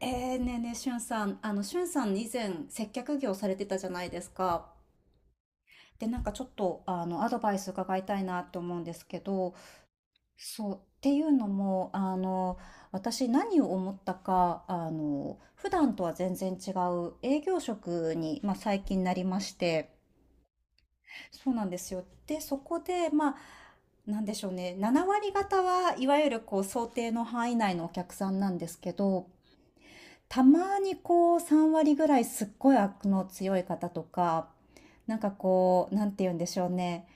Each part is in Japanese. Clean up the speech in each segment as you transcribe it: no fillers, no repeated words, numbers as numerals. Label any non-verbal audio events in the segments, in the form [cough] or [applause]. ねえねえ、しゅんさん、しゅんさん以前接客業されてたじゃないですか。で、なんかちょっと、アドバイス伺いたいなって思うんですけど、そう、っていうのも、私何を思ったか、普段とは全然違う営業職に、まあ、最近なりまして、そうなんですよ。で、そこで、まあ、なんでしょうね、7割方はいわゆるこう想定の範囲内のお客さんなんですけど、たまにこう3割ぐらいすっごい悪の強い方とか、なんかこう、なんて言うんでしょうね。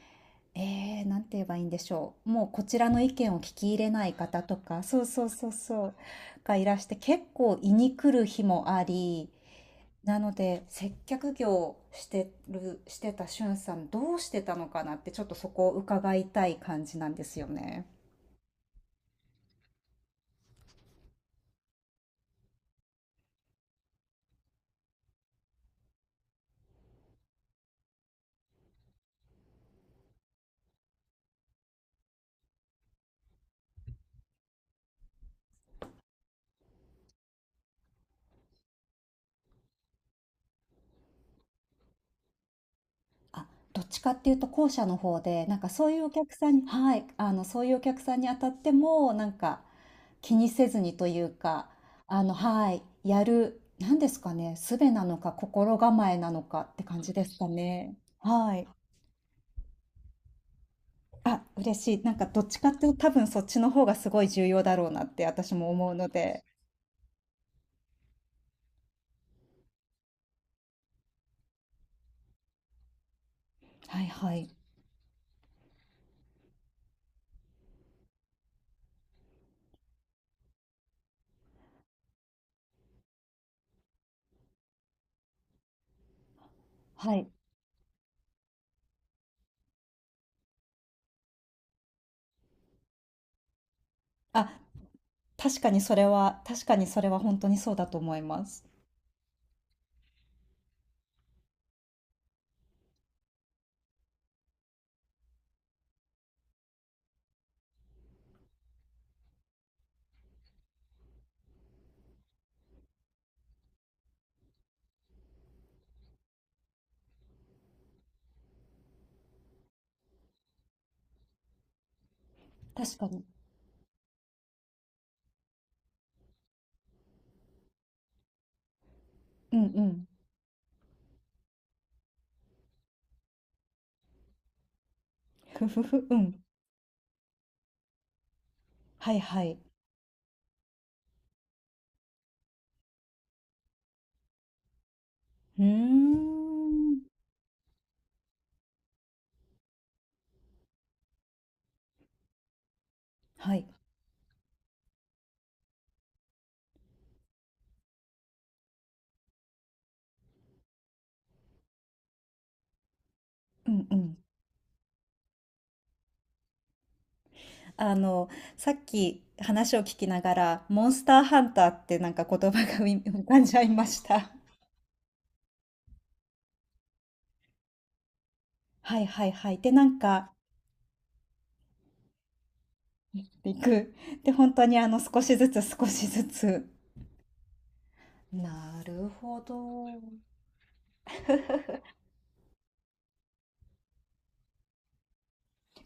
なんて言えばいいんでしょう。もうこちらの意見を聞き入れない方とか、そうそうそうそう、がいらして結構胃に来る日もあり、なので接客業してる、してたしゅんさんどうしてたのかなってちょっとそこを伺いたい感じなんですよね。あ、どっちかっていうと後者の方で、なんかそういうお客さんにはい、あの、そういうお客さんに当たっても、なんか気にせずにというか、あの、はい、やる、なんですかね、術なのか心構えなのかって感じですかね。はい。あ、嬉しい。なんかどっちかっていうと多分そっちの方がすごい重要だろうなって私も思うので。はいはい。はい。あ、確かにそれは、確かにそれは本当にそうだと思います。確かに。うんうん。ふふふ、うん。はいはい。うーん。はい。うんうん。あの、さっき話を聞きながら、モンスターハンターってなんか言葉が [laughs] 浮かんじゃいました。はいはいはい。で、なんか、行く。で、本当にあの、少しずつ少しずつ。なるほど。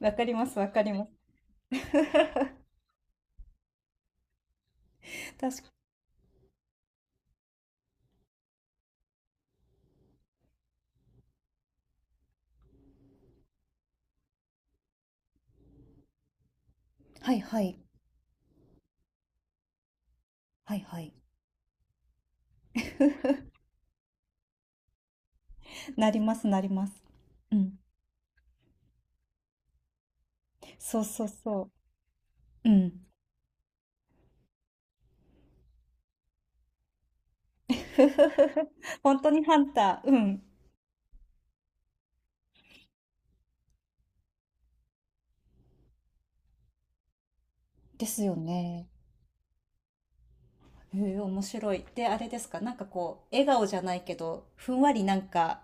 わかりますわかります。確か、はいはい。はいはい。なりますなります。うん。そうそうそう。うん。ふふふふ。[laughs] 本当にハンター。うん。ですよね。へえ、面白い。で、あれですか、なんかこう、笑顔じゃないけど、ふんわりなんか、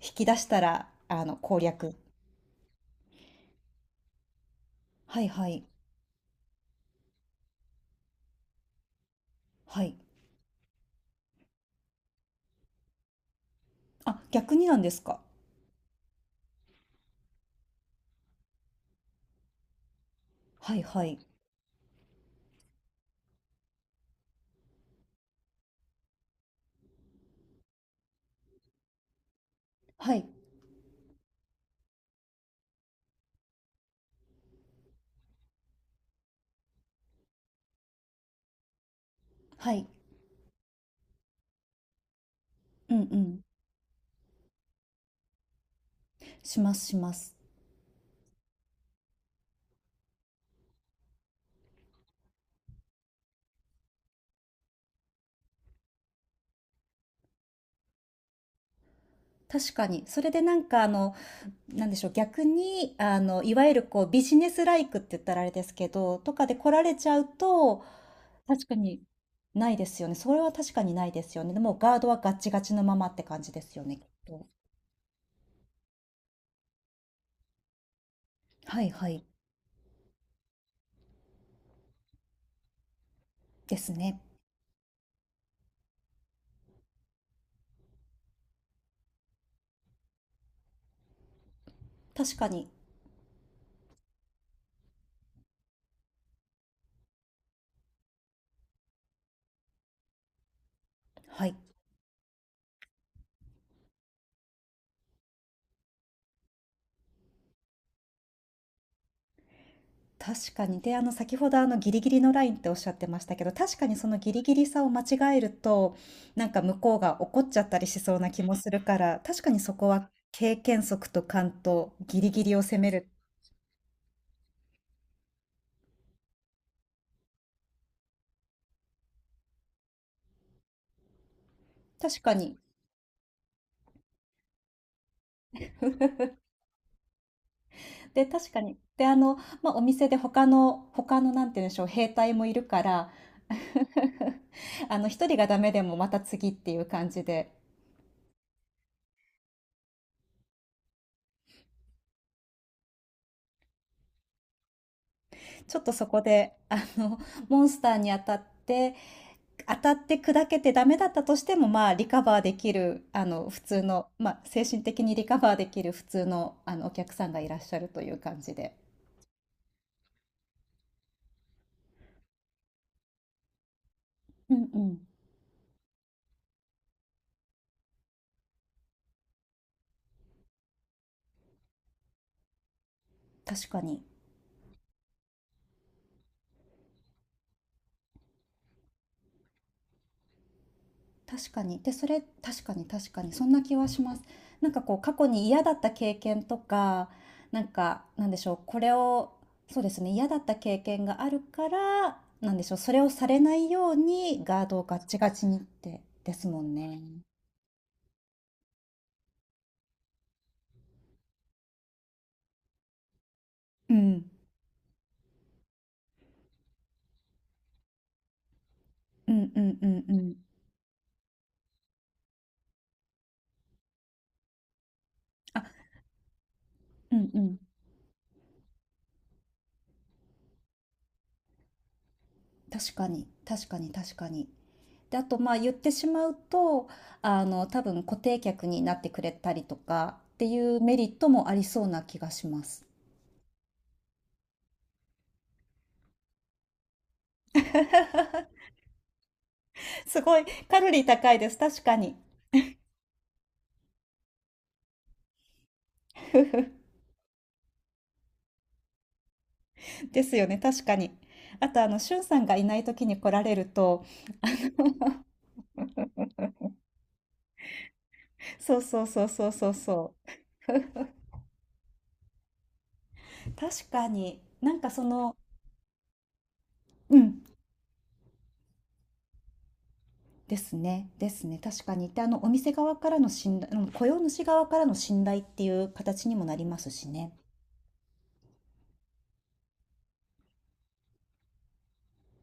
引き出したら、あの、攻略。はいはい。はい。あ、逆になんですか。はいはい。はい。はい。うんうん。しますします。確かに。それでなんかあの、なんでしょう、逆に、あの、いわゆるこう、ビジネスライクって言ったらあれですけど、とかで来られちゃうと、確かにないですよね。それは確かにないですよね。でもうガードはガッチガチのままって感じですよね、きっと。はいはい。ですね。確かに。はい。確かに。で、あの、先ほどあの、ギリギリのラインっておっしゃってましたけど、確かにそのギリギリさを間違えると、なんか向こうが怒っちゃったりしそうな気もするから、確かにそこは経験則と勘とギリギリを攻める。確かに。で、確かに。で、あの、まあ、お店で他のなんて言うんでしょう、兵隊もいるから、[laughs] あの、一人がダメでもまた次っていう感じで、ちょっとそこで、あの、モンスターに当たって砕けてダメだったとしても、まあ、リカバーできる、あの、普通の、まあ、精神的にリカバーできる普通の、あの、お客さんがいらっしゃるという感じで。うんうん。確かに。確かに。で、それ、確かに確かに。そんな気はします。なんかこう、過去に嫌だった経験とか、なんか、なんでしょう、これを、そうですね、嫌だった経験があるから、なんでしょう、それをされないようにガードをガッチガチにって、ですもんね。うん。うんうんうんうん。うんうん。確かに、確かに、確かに。で、あと、まあ、言ってしまうと、あの、多分固定客になってくれたりとかっていうメリットもありそうな気がします。すごい、カロリー高いです。確かに。[laughs] ですよね、確かに。あと、あの、しゅんさんがいない時に来られると、そうそうそうそうそうそう。確かに、なんかその、うん、ですね、ですね、確かに。で、あの、お店側からの信頼、うん雇用主側からの信頼っていう形にもなりますしね。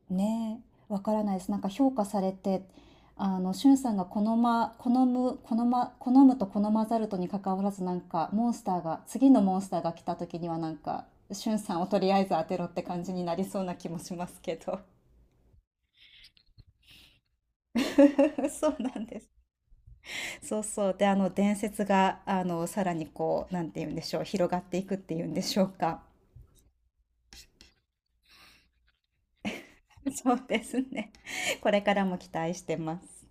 ねえ、わからないです。なんか評価されて、あの、しゅんさんが好むと好まざるとに関わらず、なんか、モンスターが、次のモンスターが来た時には、なんか、しゅんさんをとりあえず当てろって感じになりそうな気もしますけど。[laughs] そうなんです。そうそう。で、あの、伝説が、あの、さらにこう、なんて言うんでしょう、広がっていくっていうんでしょうか。[laughs] そうですね。これからも期待してます。